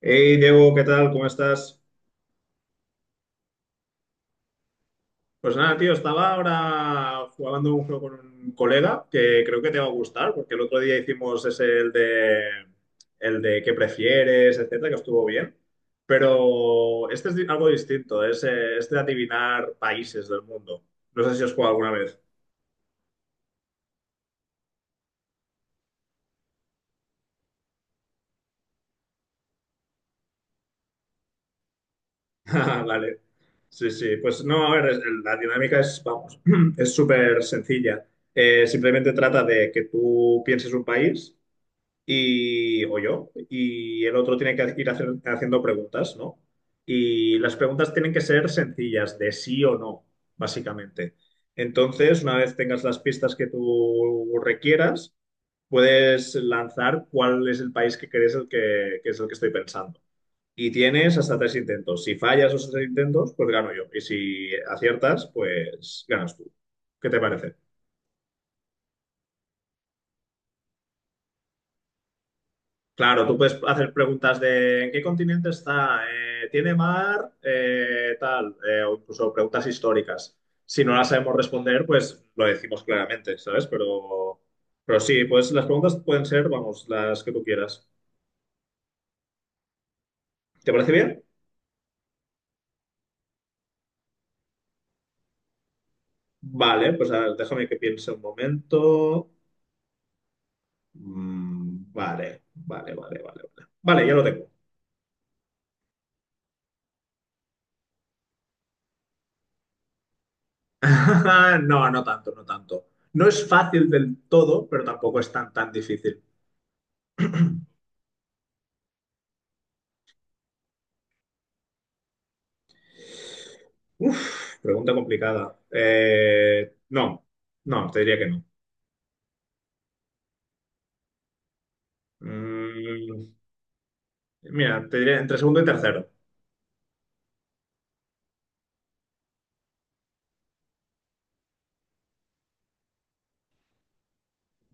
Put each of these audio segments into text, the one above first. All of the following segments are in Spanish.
Hey Diego, ¿qué tal? ¿Cómo estás? Pues nada, tío, estaba ahora jugando un juego con un colega que creo que te va a gustar, porque el otro día hicimos ese el de qué prefieres, etcétera, que estuvo bien. Pero este es algo distinto, es este de adivinar países del mundo. No sé si has jugado alguna vez. Ah, vale. Sí, sí. Pues no, a ver, la dinámica es, vamos, es súper sencilla. Simplemente trata de que tú pienses un país y, o yo, y el otro tiene que haciendo preguntas, ¿no? Y las preguntas tienen que ser sencillas, de sí o no, básicamente. Entonces, una vez tengas las pistas que tú requieras, puedes lanzar cuál es el país que crees que es el que estoy pensando. Y tienes hasta tres intentos. Si fallas esos tres intentos, pues gano yo. Y si aciertas, pues ganas tú. ¿Qué te parece? Claro, tú puedes hacer preguntas de ¿en qué continente está? ¿Tiene mar? O incluso preguntas históricas. Si no las sabemos responder, pues lo decimos claramente, ¿sabes? Pero sí, pues las preguntas pueden ser, vamos, las que tú quieras. ¿Te parece bien? Vale, pues a ver, déjame que piense un momento. Mm, vale, vale, vale, vale, vale. Vale, ya lo tengo. No, no tanto, no tanto. No es fácil del todo, pero tampoco es tan, tan difícil. Uf, pregunta complicada. No, no, te diría que no. Mm, mira, te diría entre segundo y tercero.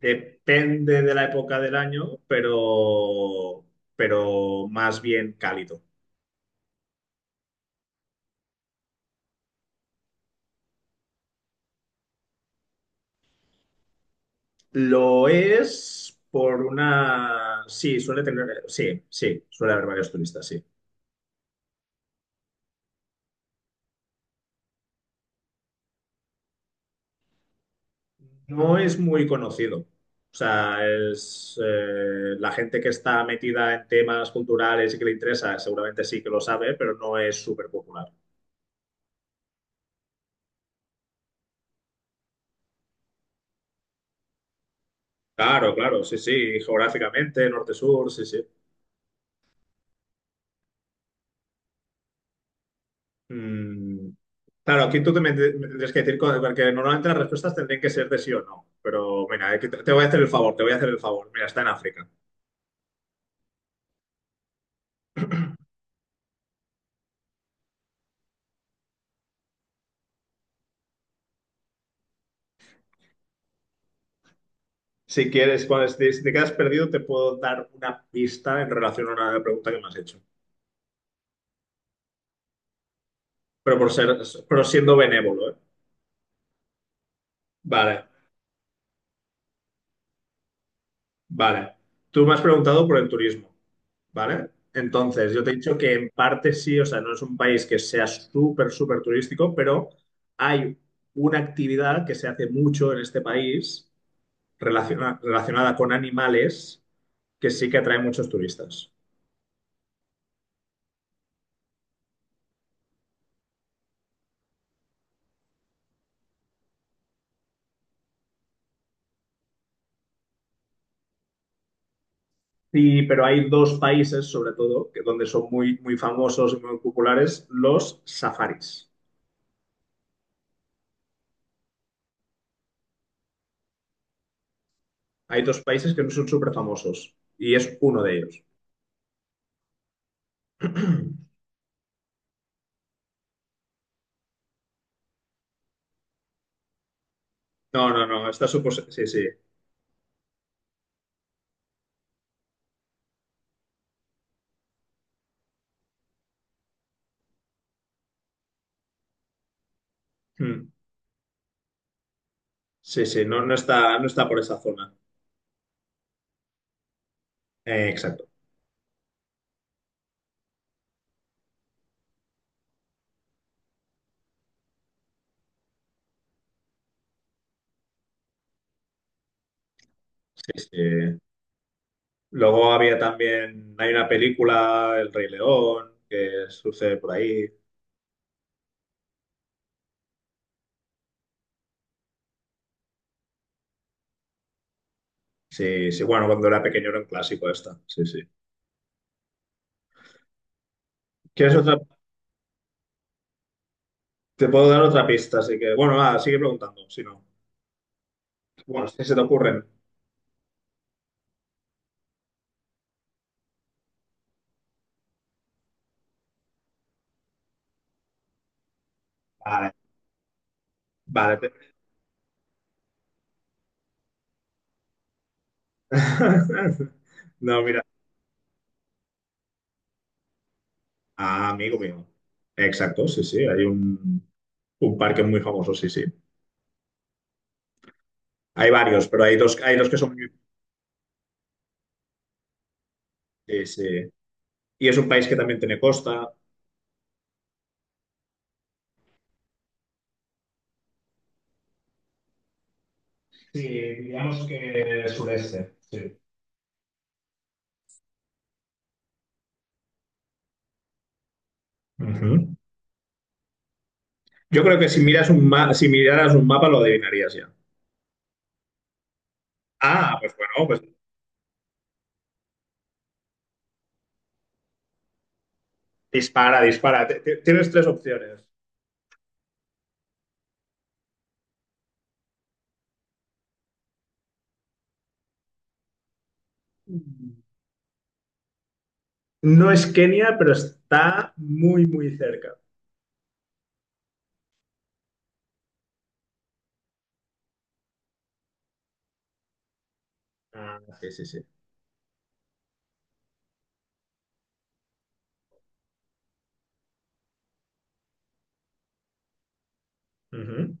Depende de la época del año, pero más bien cálido. Lo es por una... Sí, suele tener... Sí, sí, suele haber varios turistas, sí. No es muy conocido. O sea, es, la gente que está metida en temas culturales y que le interesa, seguramente sí que lo sabe, pero no es súper popular. Claro, claro, sí, sí, geográficamente, norte-sur, sí, sí. Mm, claro, aquí tú me tendrías que decir, porque normalmente las respuestas tendrían que ser de sí o no, pero mira, aquí te voy a hacer el favor, te voy a hacer el favor. Mira, está en África. Si quieres, si te quedas perdido, te puedo dar una pista en relación a una pregunta que me has hecho, pero por ser, pero siendo benévolo, ¿eh? Vale, vale. Tú me has preguntado por el turismo, ¿vale? Entonces, yo te he dicho que en parte sí, o sea, no es un país que sea súper, súper turístico, pero hay una actividad que se hace mucho en este país relacionada con animales que sí que atrae muchos turistas. Sí, pero hay dos países, sobre todo, que donde son muy, muy famosos y muy populares, los safaris. Hay dos países que no son súper famosos y es uno de ellos. No, no, no, sí, sí. Mm. Sí, sí, no, no está, no está por esa zona. Exacto. Sí, sí. Luego había también, hay una película, El Rey León, que sucede por ahí. Sí, sí, bueno, cuando era pequeño era un clásico esta. Sí, sí. ¿Quieres otra? Te puedo dar otra pista, así que, bueno, nada, sigue preguntando, si no. Bueno, si se te ocurren. Vale, vale. No, mira. Ah, amigo mío. Exacto, sí, sí, un parque muy famoso, sí, sí. Hay varios, pero hay dos que son muy... sí, sí. Y es un país que también tiene costa. Sí, digamos que sureste, sí. Ujú. Yo creo que si miras un si miraras un mapa lo adivinarías ya. Ah, pues bueno, pues dispara, dispara. Tienes tres opciones. No es Kenia, pero está muy, muy cerca. Ah, sí, sí, sí. Ujú.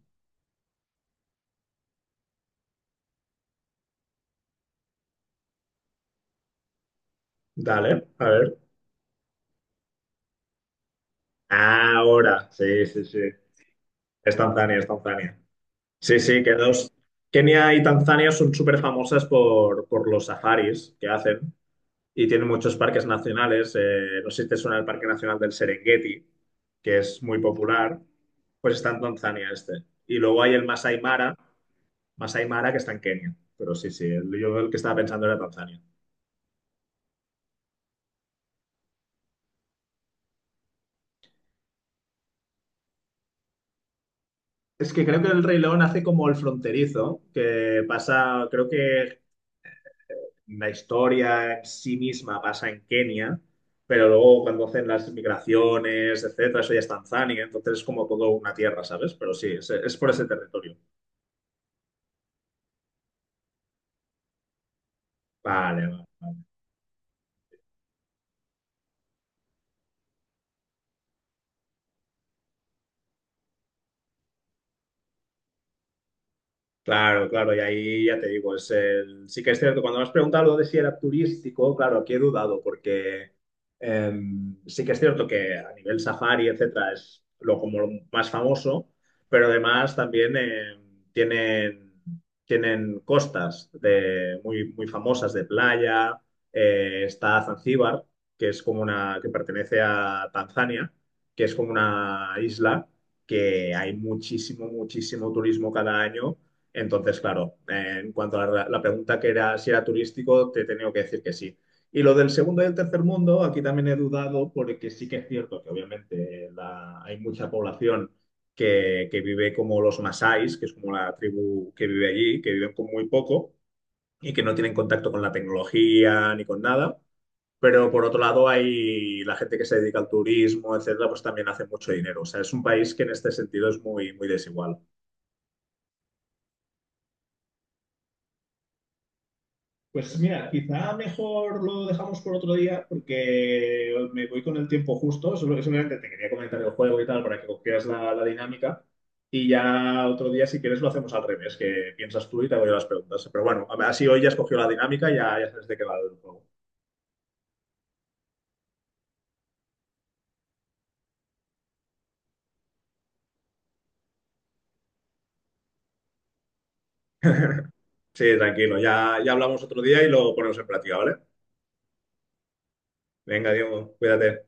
Dale, a ver. Ahora, sí, sí, sí. Es Tanzania, es Tanzania. Sí, sí, que dos. Kenia y Tanzania son súper famosas por los safaris que hacen y tienen muchos parques nacionales. Eh, no sé si te suena el Parque Nacional del Serengeti, que es muy popular, pues está en Tanzania este. Y luego hay el Masai Mara, Masai Mara que está en Kenia. Pero sí, sí, el- yo el que estaba pensando era Tanzania. Es que creo que el Rey León hace como el fronterizo, que pasa, creo que la historia en sí misma pasa en Kenia, pero luego cuando hacen las migraciones, etcétera, eso ya es Tanzania, entonces es como todo una tierra, ¿sabes? Pero sí, es por ese territorio. Vale, vale. Vale. Claro, claro, y ahí ya te digo, es el... sí que es cierto, cuando me has preguntado lo de si era turístico, claro, aquí he dudado, porque sí que es cierto que a nivel safari, etcétera, es lo como lo más famoso, pero además también tienen, tienen costas de, muy, muy famosas de playa, está Zanzíbar, que es como una, que pertenece a Tanzania, que es como una isla que hay muchísimo, muchísimo turismo cada año entonces, claro, en cuanto a la pregunta que era si era turístico, te he tenido que decir que sí. Y lo del segundo y el tercer mundo, aquí también he dudado porque sí que es cierto que obviamente hay mucha población que vive como los Masáis, que es como la tribu que vive allí, que viven con muy poco y que no tienen contacto con la tecnología ni con nada. Pero por otro lado hay la gente que se dedica al turismo, etcétera, pues también hace mucho dinero. O sea, es un país que en este sentido es muy, muy desigual. Pues mira, quizá mejor lo dejamos por otro día porque me voy con el tiempo justo. Solamente te quería comentar el juego y tal para que cogieras la dinámica. Y ya otro día, si quieres, lo hacemos al revés, que piensas tú y te hago yo las preguntas. Pero bueno, a así hoy ya has cogido la dinámica, ya, ya sabes de qué va el juego. Sí, tranquilo, ya, ya hablamos otro día y lo ponemos en práctica, ¿vale? Venga, Diego, cuídate.